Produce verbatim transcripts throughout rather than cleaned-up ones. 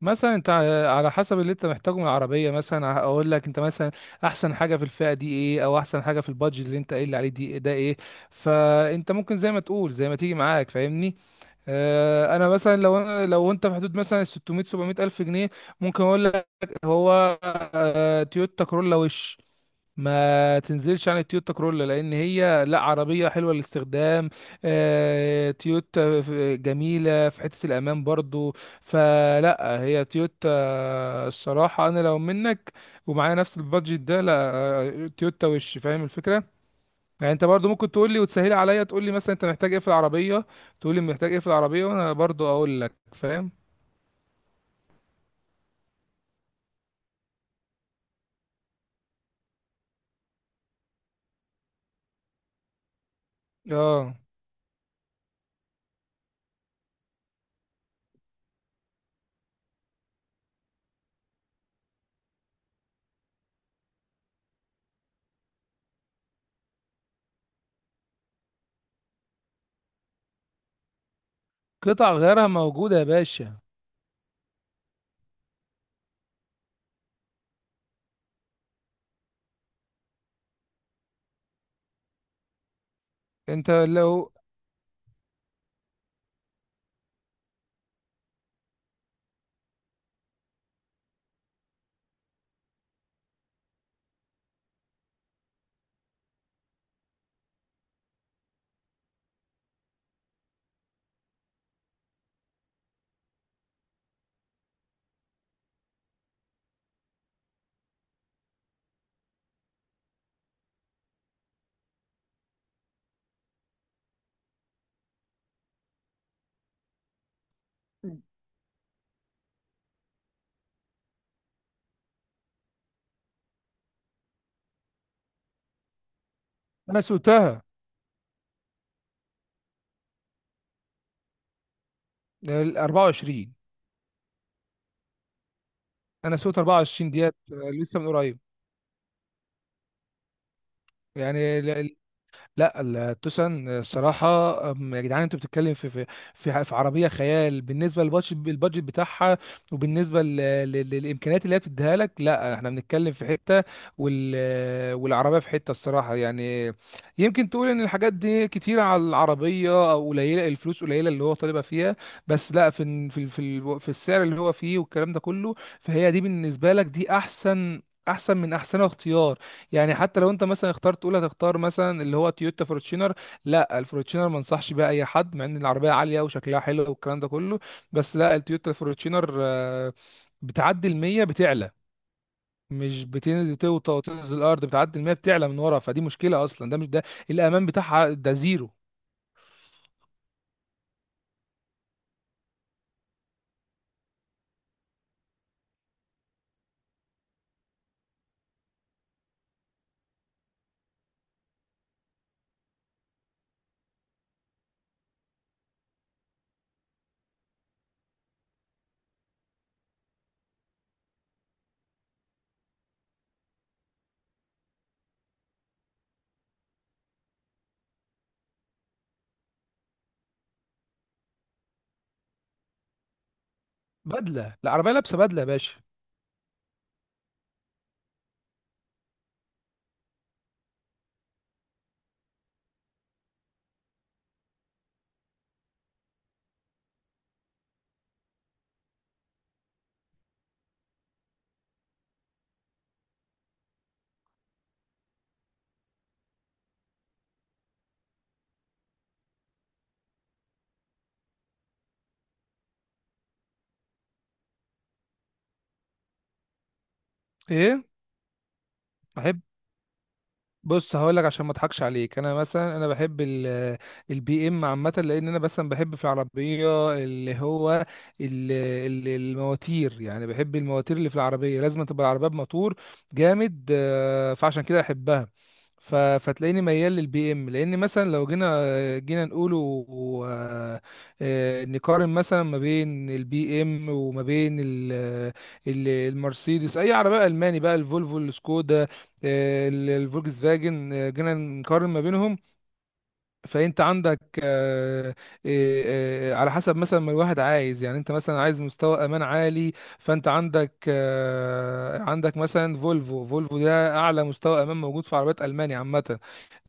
مثلا انت ع- على حسب اللي انت محتاجه من العربيه مثلا أه، اقول لك انت مثلا احسن حاجه في الفئه دي ايه، او احسن حاجه في البادجت اللي انت قايل لي عليه دي ده ايه. فانت ممكن زي ما تقول، زي ما تيجي معاك، فاهمني. اه انا مثلا لو انا لو انت في حدود مثلا ستمية سبعمية الف جنيه ممكن اقول لك. هو اه تويوتا كورولا وش، ما تنزلش عن التويوتا كرولا، لان هي لا عربيه حلوه للاستخدام. آه، تويوتا ف- جميله في حته الامان برضو. فلا هي تويوتا، الصراحه انا لو منك ومعايا نفس البادجت ده، لا آه، تويوتا وش، فاهم الفكره. يعني انت برضو ممكن تقول لي وتسهلي عليا، تقول لي مثلا انت محتاج ايه في العربيه، تقول لي محتاج ايه في العربيه وانا برضو اقول لك، فاهم. اه، قطع غيارها موجوده يا باشا. انت لو. انا سوتها ال اربعه وعشرين. انا سويت اربعه وعشرين ديت آه، لسه من قريب. يعني ل- لا، التوسان الصراحه. أم، يا جدعان انتوا بتتكلم في في في في عربيه خيال بالنسبه للبادجت، البادجت بتاعها، وبالنسبه ل- ل- للامكانيات اللي هي بتديها لك. لا احنا بنتكلم في حته، وال والعربيه في حته الصراحه يعني. يمكن تقول ان الحاجات دي كتيره على العربيه، او قليله الفلوس قليله اللي هو طالبها فيها، بس لا في ال- في ال- في ال- في السعر اللي هو فيه والكلام ده كله. فهي دي بالنسبه لك دي احسن، احسن من احسن اختيار. يعني حتى لو انت مثلا اخترت، تقول هتختار مثلا اللي هو تويوتا فورتشينر، لا الفورتشينر ما انصحش بيها اي حد، مع ان العربيه عاليه وشكلها حلو والكلام ده كله، بس لا، التويوتا فورتشينر آه، بتعدي ال مية بتعلى، مش بتنزل توطى وتنزل الارض، بتعدي ال ميه بتعلى من ورا، فدي مشكله اصلا. ده مش ده الامان بتاعها ده زيرو. بدله، العربيه لابسه بدله يا باشا. ايه؟ احب. بص هقول لك عشان ما اضحكش عليك، انا مثلا انا بحب ال البي ام عامه، لان انا مثلا بحب في العربيه اللي هو ال- ال- المواتير، يعني بحب المواتير اللي في العربيه، لازم تبقى العربيه بموتور جامد آه، فعشان كده احبها. ف- فتلاقيني ميال للبي ام، لان مثلا لو جينا جينا نقوله، آه، آه، نقارن مثلا ما بين البي ام وما بين ال- ال- المرسيدس، اي عربيه الماني بقى، الفولفو، السكودا، آه، ال- الفولكس فاجن، آه، جينا نقارن ما بينهم. فانت عندك، آه، آه، آه، على حسب مثلا ما الواحد عايز. يعني انت مثلا عايز مستوى امان عالي، فانت عندك آه، عندك مثلا فولفو، فولفو ده اعلى مستوى امان موجود في عربيات المانيا عامه.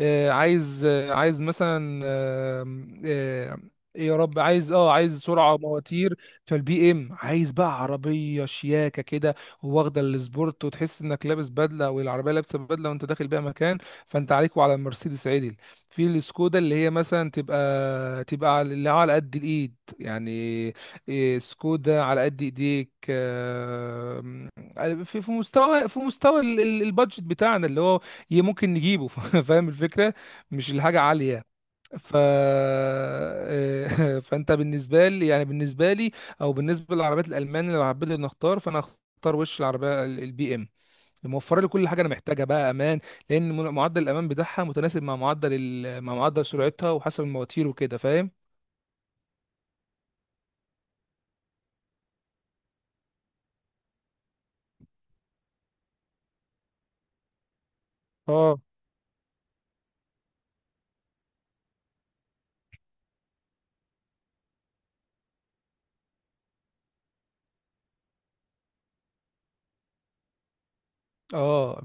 آه، عايز آه، عايز مثلا، آم، آه، ايه يا رب، عايز اه عايز سرعه مواتير. فالبي ام، عايز بقى عربيه شياكه كده واخده السبورت، وتحس انك لابس بدله والعربيه لابسه بدله وانت داخل بيها مكان، فانت عليك وعلى المرسيدس عدل. في السكودا اللي هي مثلا تبقى تبقى على- اللي على قد الايد يعني. إيه، سكودا على قد ايديك. آم، في في مستوى في مستوى ال- ال- البادجت بتاعنا اللي هو ي- ممكن نجيبه فاهم الفكرة، مش الحاجة عالية. ف، فانت بالنسبة لي يعني بالنسبة لي او بالنسبة للعربيات الالمان، اللي لو حبيت إني اختار فانا اختار وش، العربية ال- البي ام موفرة لي كل حاجة انا محتاجها بقى، امان، لان م- معدل الامان بتاعها متناسب مع معدل ال... مع معدل سرعتها وحسب المواتير وكده، فاهم. اه. اه.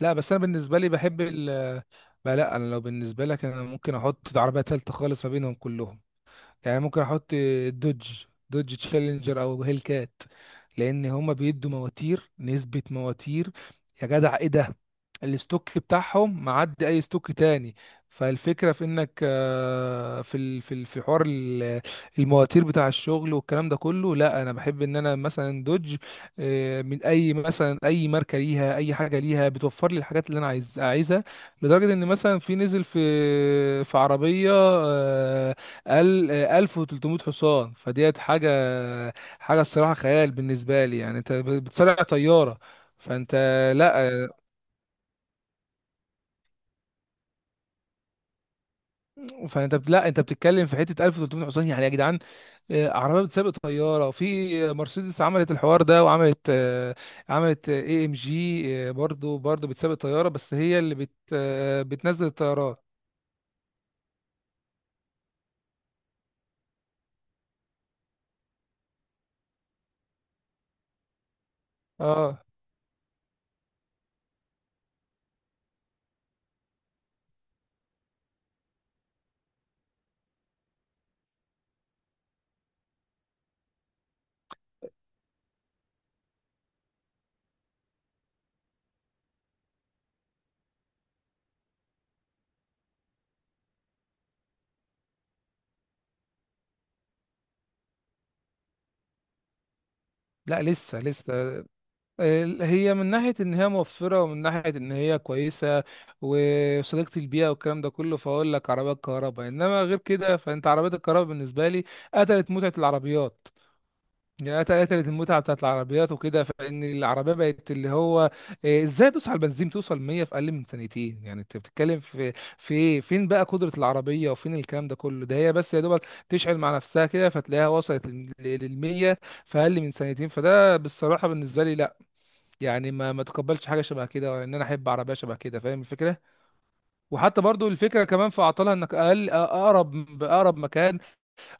لا بس انا بالنسبة لي بحب ال... بقى لا، انا لو بالنسبة لك انا ممكن احط عربية تالتة خالص ما بينهم كلهم. يعني ممكن احط دوج، دوج تشالنجر او هيل كات، لان هما بيدوا مواتير، نسبة مواتير يا جدع ايه ده، الاستوك بتاعهم معدي اي استوك تاني. فالفكرة في انك آه، في ال- في ال- في حوار ال- المواتير بتاع الشغل والكلام ده كله. لا انا بحب ان انا مثلا دوج، آه، من اي مثلا اي ماركة ليها، اي حاجة ليها بتوفر لي الحاجات اللي انا عايز عايزها. لدرجة ان مثلا في نزل في في عربية آه، ال- الف وتلتمية حصان، فديت حاجة حاجة الصراحة خيال بالنسبة لي، يعني انت بتصارع طيارة. فانت، لا فانت بت- لا انت بتتكلم في حتة الف وتلتمية حصان يعني يا جدعان. آه، عربية بتسابق طيارة. في مرسيدس عملت الحوار ده، وعملت آه، عملت اي ام جي، برضو برضو بتسابق طيارة، بس هي اللي بت آه، بتنزل الطيارات. اه. لا لسه، لسه. ال- هي من ناحية إن هي موفرة، ومن ناحية إن هي كويسة وصديقة البيئة والكلام ده كله، فأقول لك عربيات كهرباء إنما، غير كده فأنت عربيات الكهرباء بالنسبة لي قتلت متعة العربيات. يعني قت- قتلت المتعة بتاعت العربيات وكده، فإن العربية بقت اللي هو إيه، إزاي تدوس على البنزين توصل مية في أقل من ثانيتين. يعني أنت بتتكلم في في إيه؟ فين بقى قدرة العربية وفين الكلام ده كله؟ ده هي بس يا دوبك تشعل مع نفسها كده، فتلاقيها وصلت لل مية في أقل من ثانيتين. فده بالصراحة بالنسبة لي لا. يعني ما ما تقبلش حاجه شبه كده، ولا ان انا احب عربيه شبه كده، فاهم الفكره. وحتى برضو الفكره كمان في اعطالها، انك اقل اقرب باقرب مكان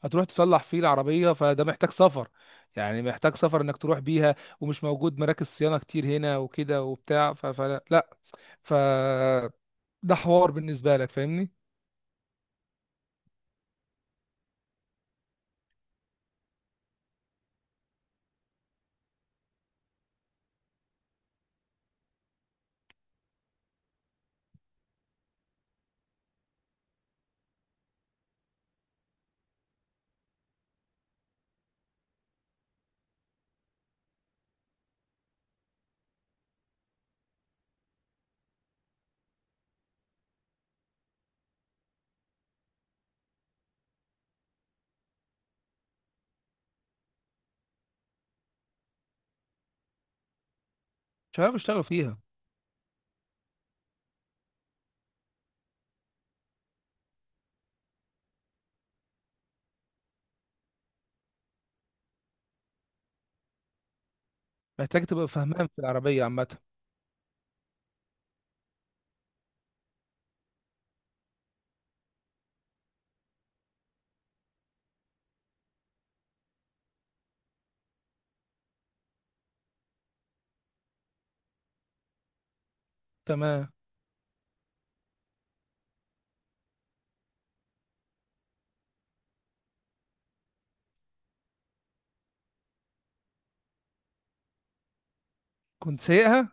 هتروح تصلح فيه العربيه، فده محتاج سفر. يعني محتاج سفر انك تروح بيها، ومش موجود مراكز صيانه كتير هنا وكده وبتاع. ف- فلا لا. ف، ده حوار بالنسبه لك، فاهمني. مش عارف اشتغل فيها. محتاج تبقى فهمان في العربيه عامه. تمام. كنت سايقها.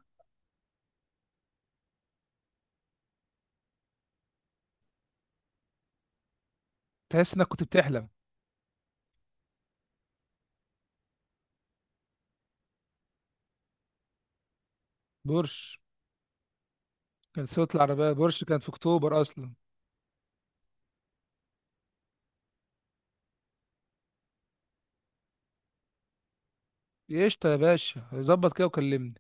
تحس انك كنت بتحلم. بورش. كان صوت العربيه بورش، كان في اكتوبر اصلا. قشطة يا باشا، ظبط كده وكلمني.